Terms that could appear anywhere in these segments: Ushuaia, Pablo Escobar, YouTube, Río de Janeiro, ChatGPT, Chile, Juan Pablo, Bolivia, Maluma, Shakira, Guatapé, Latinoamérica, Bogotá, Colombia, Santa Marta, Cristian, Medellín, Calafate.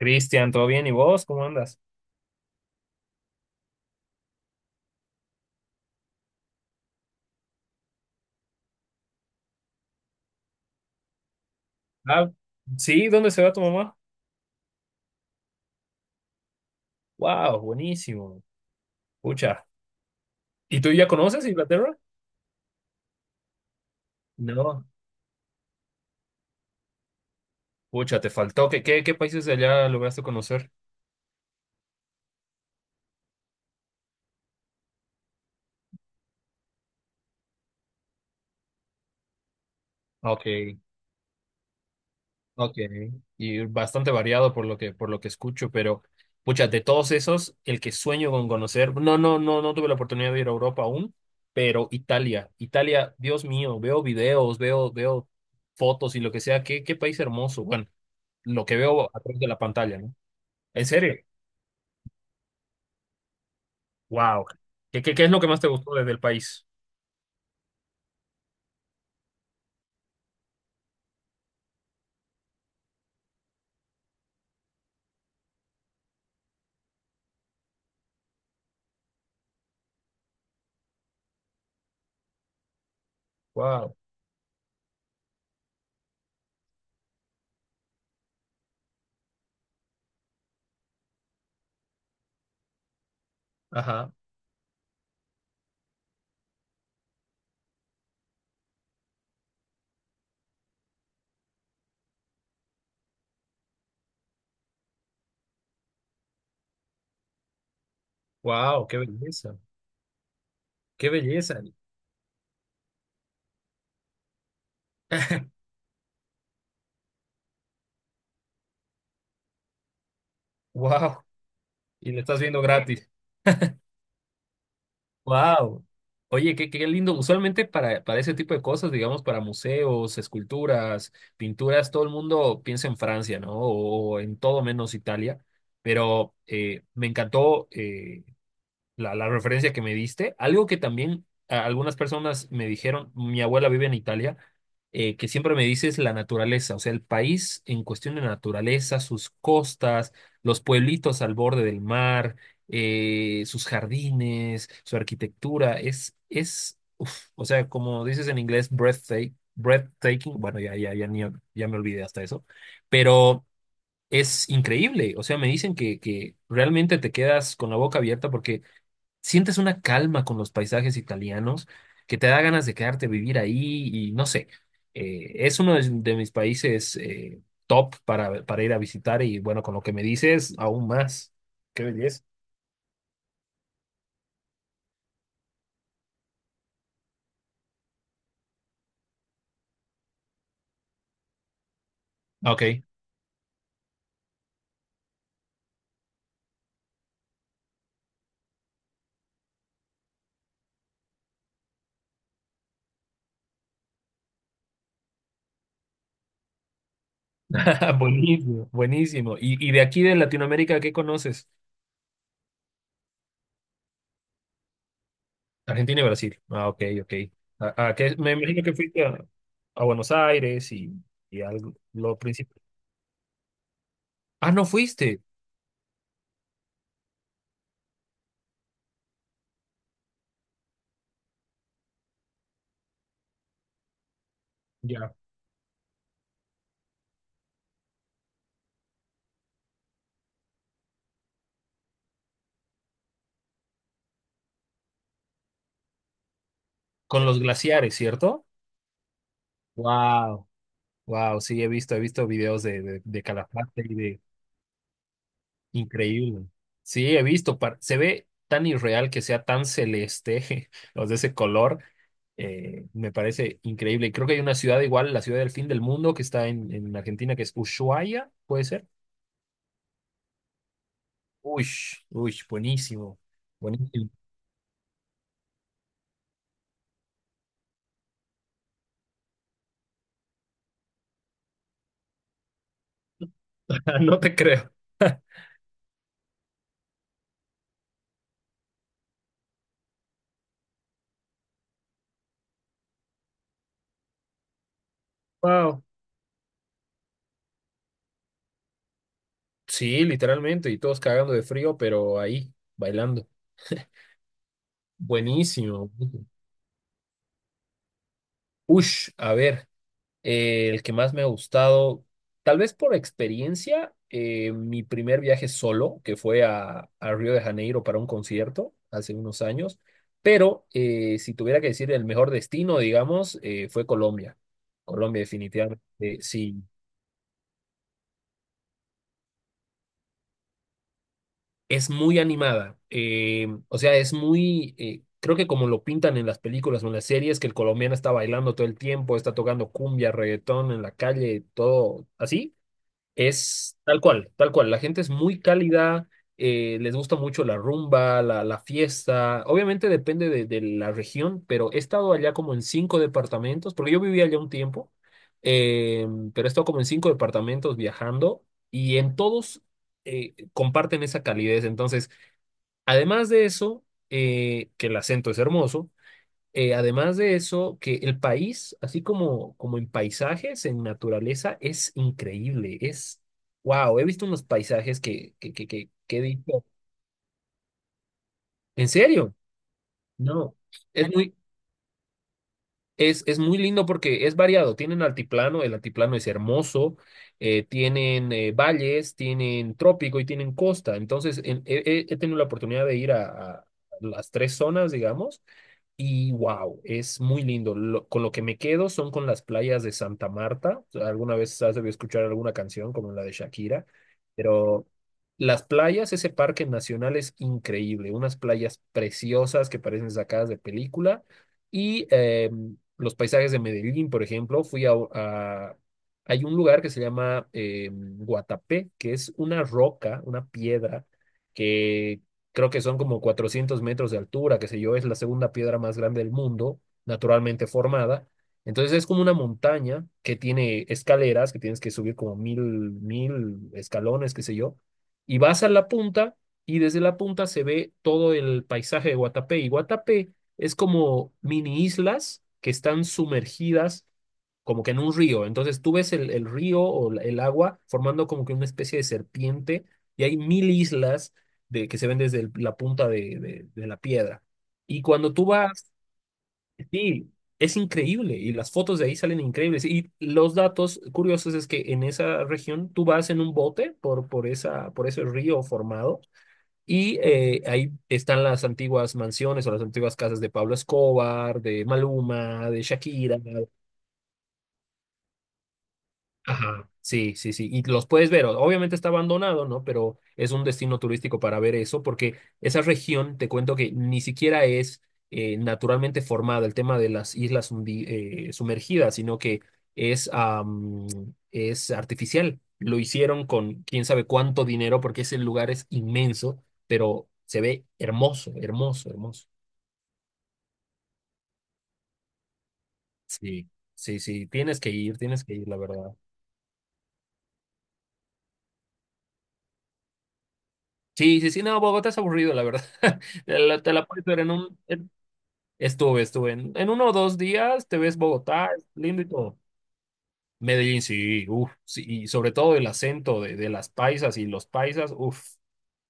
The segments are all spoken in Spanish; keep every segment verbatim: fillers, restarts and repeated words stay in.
Cristian, ¿todo bien? ¿Y vos? ¿Cómo andas? Ah, sí, ¿dónde se va tu mamá? Wow, buenísimo. Pucha. ¿Y tú ya conoces Inglaterra? No. Pucha, te faltó. ¿Qué, qué, qué países de allá lograste conocer? Ok, ok. Y bastante variado por lo que, por lo que escucho, pero pucha, de todos esos, el que sueño con conocer, no, no, no, no tuve la oportunidad de ir a Europa aún, pero Italia, Italia, Dios mío, veo videos, veo, veo fotos y lo que sea, qué, qué país hermoso. Bueno, lo que veo a través de la pantalla, ¿no? ¿En serio? Wow. ¿Qué, qué, qué es lo que más te gustó desde el país? Wow. Ajá. Wow, qué belleza. Qué belleza. Wow. Y lo estás viendo gratis. Wow. Oye, qué, qué lindo. Usualmente para, para ese tipo de cosas, digamos, para museos, esculturas, pinturas, todo el mundo piensa en Francia, ¿no? O, o en todo menos Italia. Pero eh, me encantó. Eh, la, la referencia que me diste. Algo que también a- algunas personas me dijeron, mi abuela vive en Italia, eh, que siempre me dice es la naturaleza, o sea, el país en cuestión de naturaleza, sus costas, los pueblitos al borde del mar, eh, sus jardines, su arquitectura, es, es, uf, o sea, como dices en inglés, breathtaking, breathtaking, bueno, ya, ya, ya, ni- ya me olvidé hasta eso, pero es increíble, o sea, me dicen que, que realmente te quedas con la boca abierta porque sientes una calma con los paisajes italianos que te da ganas de quedarte a vivir ahí y no sé, eh, es uno de, de mis países, eh, top para, para ir a visitar, y bueno, con lo que me dices, aún más. Qué belleza. Ok, buenísimo, buenísimo. ¿Y, y de aquí de Latinoamérica, qué conoces? Argentina y Brasil. Ah, ok, ok. ¿A, a qué? Me imagino que fuiste a, a Buenos Aires y, y algo, lo principal. Ah, no fuiste. Ya. Con los glaciares, ¿cierto? Wow. Wow, sí, he visto, he visto videos de, de, de Calafate y de increíble. Sí, he visto, par- se ve tan irreal que sea tan celeste, los de ese color, eh, me parece increíble. Y creo que hay una ciudad igual, la ciudad del fin del mundo, que está en, en Argentina, que es Ushuaia, ¿puede ser? Uy, uy, buenísimo, buenísimo. No te creo. Wow. Sí, literalmente, y todos cagando de frío, pero ahí, bailando. Buenísimo. Ush, a ver. Eh, el que más me ha gustado, tal vez por experiencia, eh, mi primer viaje solo, que fue a, a Río de Janeiro para un concierto hace unos años, pero eh, si tuviera que decir el mejor destino, digamos, eh, fue Colombia. Colombia definitivamente, sí. Es muy animada, eh, o sea, es muy, eh, creo que como lo pintan en las películas o en las series, que el colombiano está bailando todo el tiempo, está tocando cumbia, reggaetón en la calle, todo así. Es tal cual, tal cual. La gente es muy cálida, eh, les gusta mucho la rumba, la, la fiesta. Obviamente depende de, de la región, pero he estado allá como en cinco departamentos, porque yo vivía allá un tiempo, eh, pero he estado como en cinco departamentos viajando y en todos eh, comparten esa calidez. Entonces, además de eso, eh, que el acento es hermoso, eh, además de eso, que el país, así como, como en paisajes, en naturaleza, es increíble. Es, wow, he visto unos paisajes que, que, que, que, que he dicho, ¿en serio? No, es muy, Es, es muy lindo porque es variado. Tienen altiplano, el altiplano es hermoso, eh, tienen eh, valles, tienen trópico y tienen costa. Entonces, en- he, he- he tenido la oportunidad de ir a, a las tres zonas, digamos, y wow, es muy lindo. Lo- con lo que me quedo son con las playas de Santa Marta. Alguna vez has debido escuchar alguna canción como la de Shakira, pero las playas, ese parque nacional es increíble. Unas playas preciosas que parecen sacadas de película. Y em, los paisajes de Medellín, por ejemplo, fui a, a- hay un lugar que se llama eh, Guatapé, que es una roca, una piedra, que creo que son como cuatrocientos metros de altura, qué sé yo, es la segunda piedra más grande del mundo, naturalmente formada. Entonces es como una montaña que tiene escaleras, que tienes que subir como mil, mil escalones, qué sé yo, y vas a la punta, y desde la punta se ve todo el paisaje de Guatapé. Y Guatapé es como mini islas que están sumergidas como que en un río. Entonces tú ves el, el río o la- el agua formando como que una especie de serpiente, y hay mil islas de, que se ven desde el- la punta de, de- de la piedra. Y cuando tú vas, sí, es increíble y las fotos de ahí salen increíbles. Y los datos curiosos es que en esa región tú vas en un bote por, por, esa, por ese río formado. Y eh, ahí están las antiguas mansiones o las antiguas casas de Pablo Escobar, de Maluma, de Shakira. Ajá, sí, sí, sí. Y los puedes ver. o- Obviamente está abandonado, ¿no? Pero es un destino turístico para ver eso, porque esa región, te cuento que ni siquiera es eh, naturalmente formada el tema de las islas hundi- eh, sumergidas, sino que es, am, es artificial. Lo hicieron con quién sabe cuánto dinero, porque ese lugar es inmenso, pero se ve hermoso, hermoso, hermoso. Sí, sí, sí. Tienes que ir, tienes que ir, la verdad. Sí, sí, sí, no, Bogotá es aburrido, la verdad. Te la, te la puedes ver en un... en- estuve, estuve. En, en uno o dos días te ves Bogotá, es lindo y todo. Medellín, sí, uff, sí, y sobre todo el acento de, de las paisas y los paisas, uff,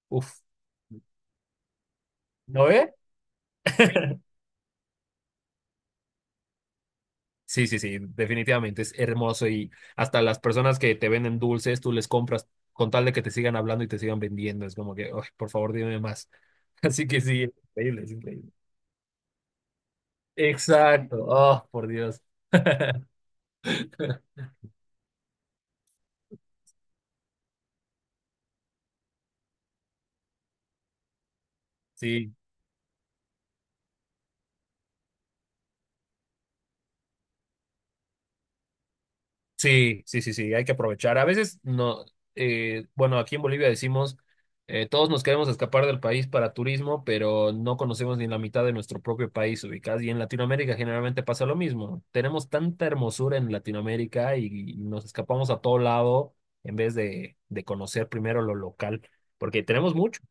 uff. ¿No ve? Sí, sí, sí, definitivamente es hermoso y hasta las personas que te venden dulces, tú les compras con tal de que te sigan hablando y te sigan vendiendo. Es como que, "Ay, por favor, dime más". Así que sí, es increíble, es increíble. Exacto, oh, por Dios. Sí. Sí, sí, sí, sí, hay que aprovechar. A veces no, eh, bueno, aquí en Bolivia decimos, eh, todos nos queremos escapar del país para turismo, pero no conocemos ni la mitad de nuestro propio país ubicado. Y en Latinoamérica generalmente pasa lo mismo. Tenemos tanta hermosura en Latinoamérica y, y nos escapamos a todo lado en vez de, de conocer primero lo local, porque tenemos mucho.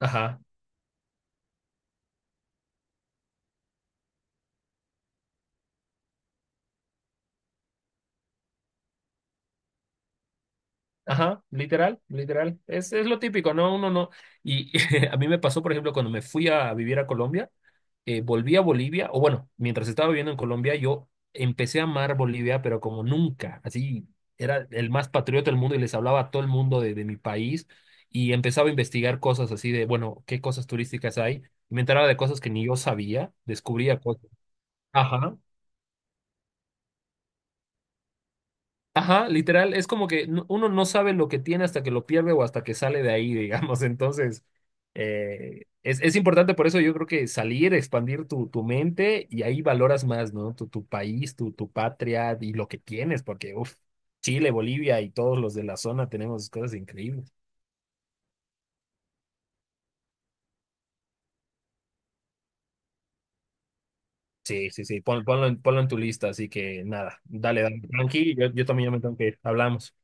Ajá, ajá, literal, literal. Es, es lo típico, ¿no? Uno no. Y a mí me pasó, por ejemplo, cuando me fui a vivir a Colombia. Eh, volví a Bolivia, o bueno, mientras estaba viviendo en Colombia, yo empecé a amar Bolivia, pero como nunca, así era el más patriota del mundo, y les hablaba a todo el mundo de, de mi país, y empezaba a investigar cosas así de, bueno, qué cosas turísticas hay, y me enteraba de cosas que ni yo sabía, descubría cosas. Ajá. Ajá, literal, es como que no- uno no sabe lo que tiene hasta que lo pierde o hasta que sale de ahí, digamos. Entonces, eh, es, es importante por eso, yo creo, que salir, expandir tu, tu mente y ahí valoras más, ¿no? Tu, tu país, tu, tu patria y lo que tienes, porque, uff, Chile, Bolivia y todos los de la zona tenemos cosas increíbles. Sí, sí, sí, pon- ponlo, en, ponlo en tu lista, así que nada, dale, dale, tranqui, yo, yo también ya me tengo que ir, hablamos.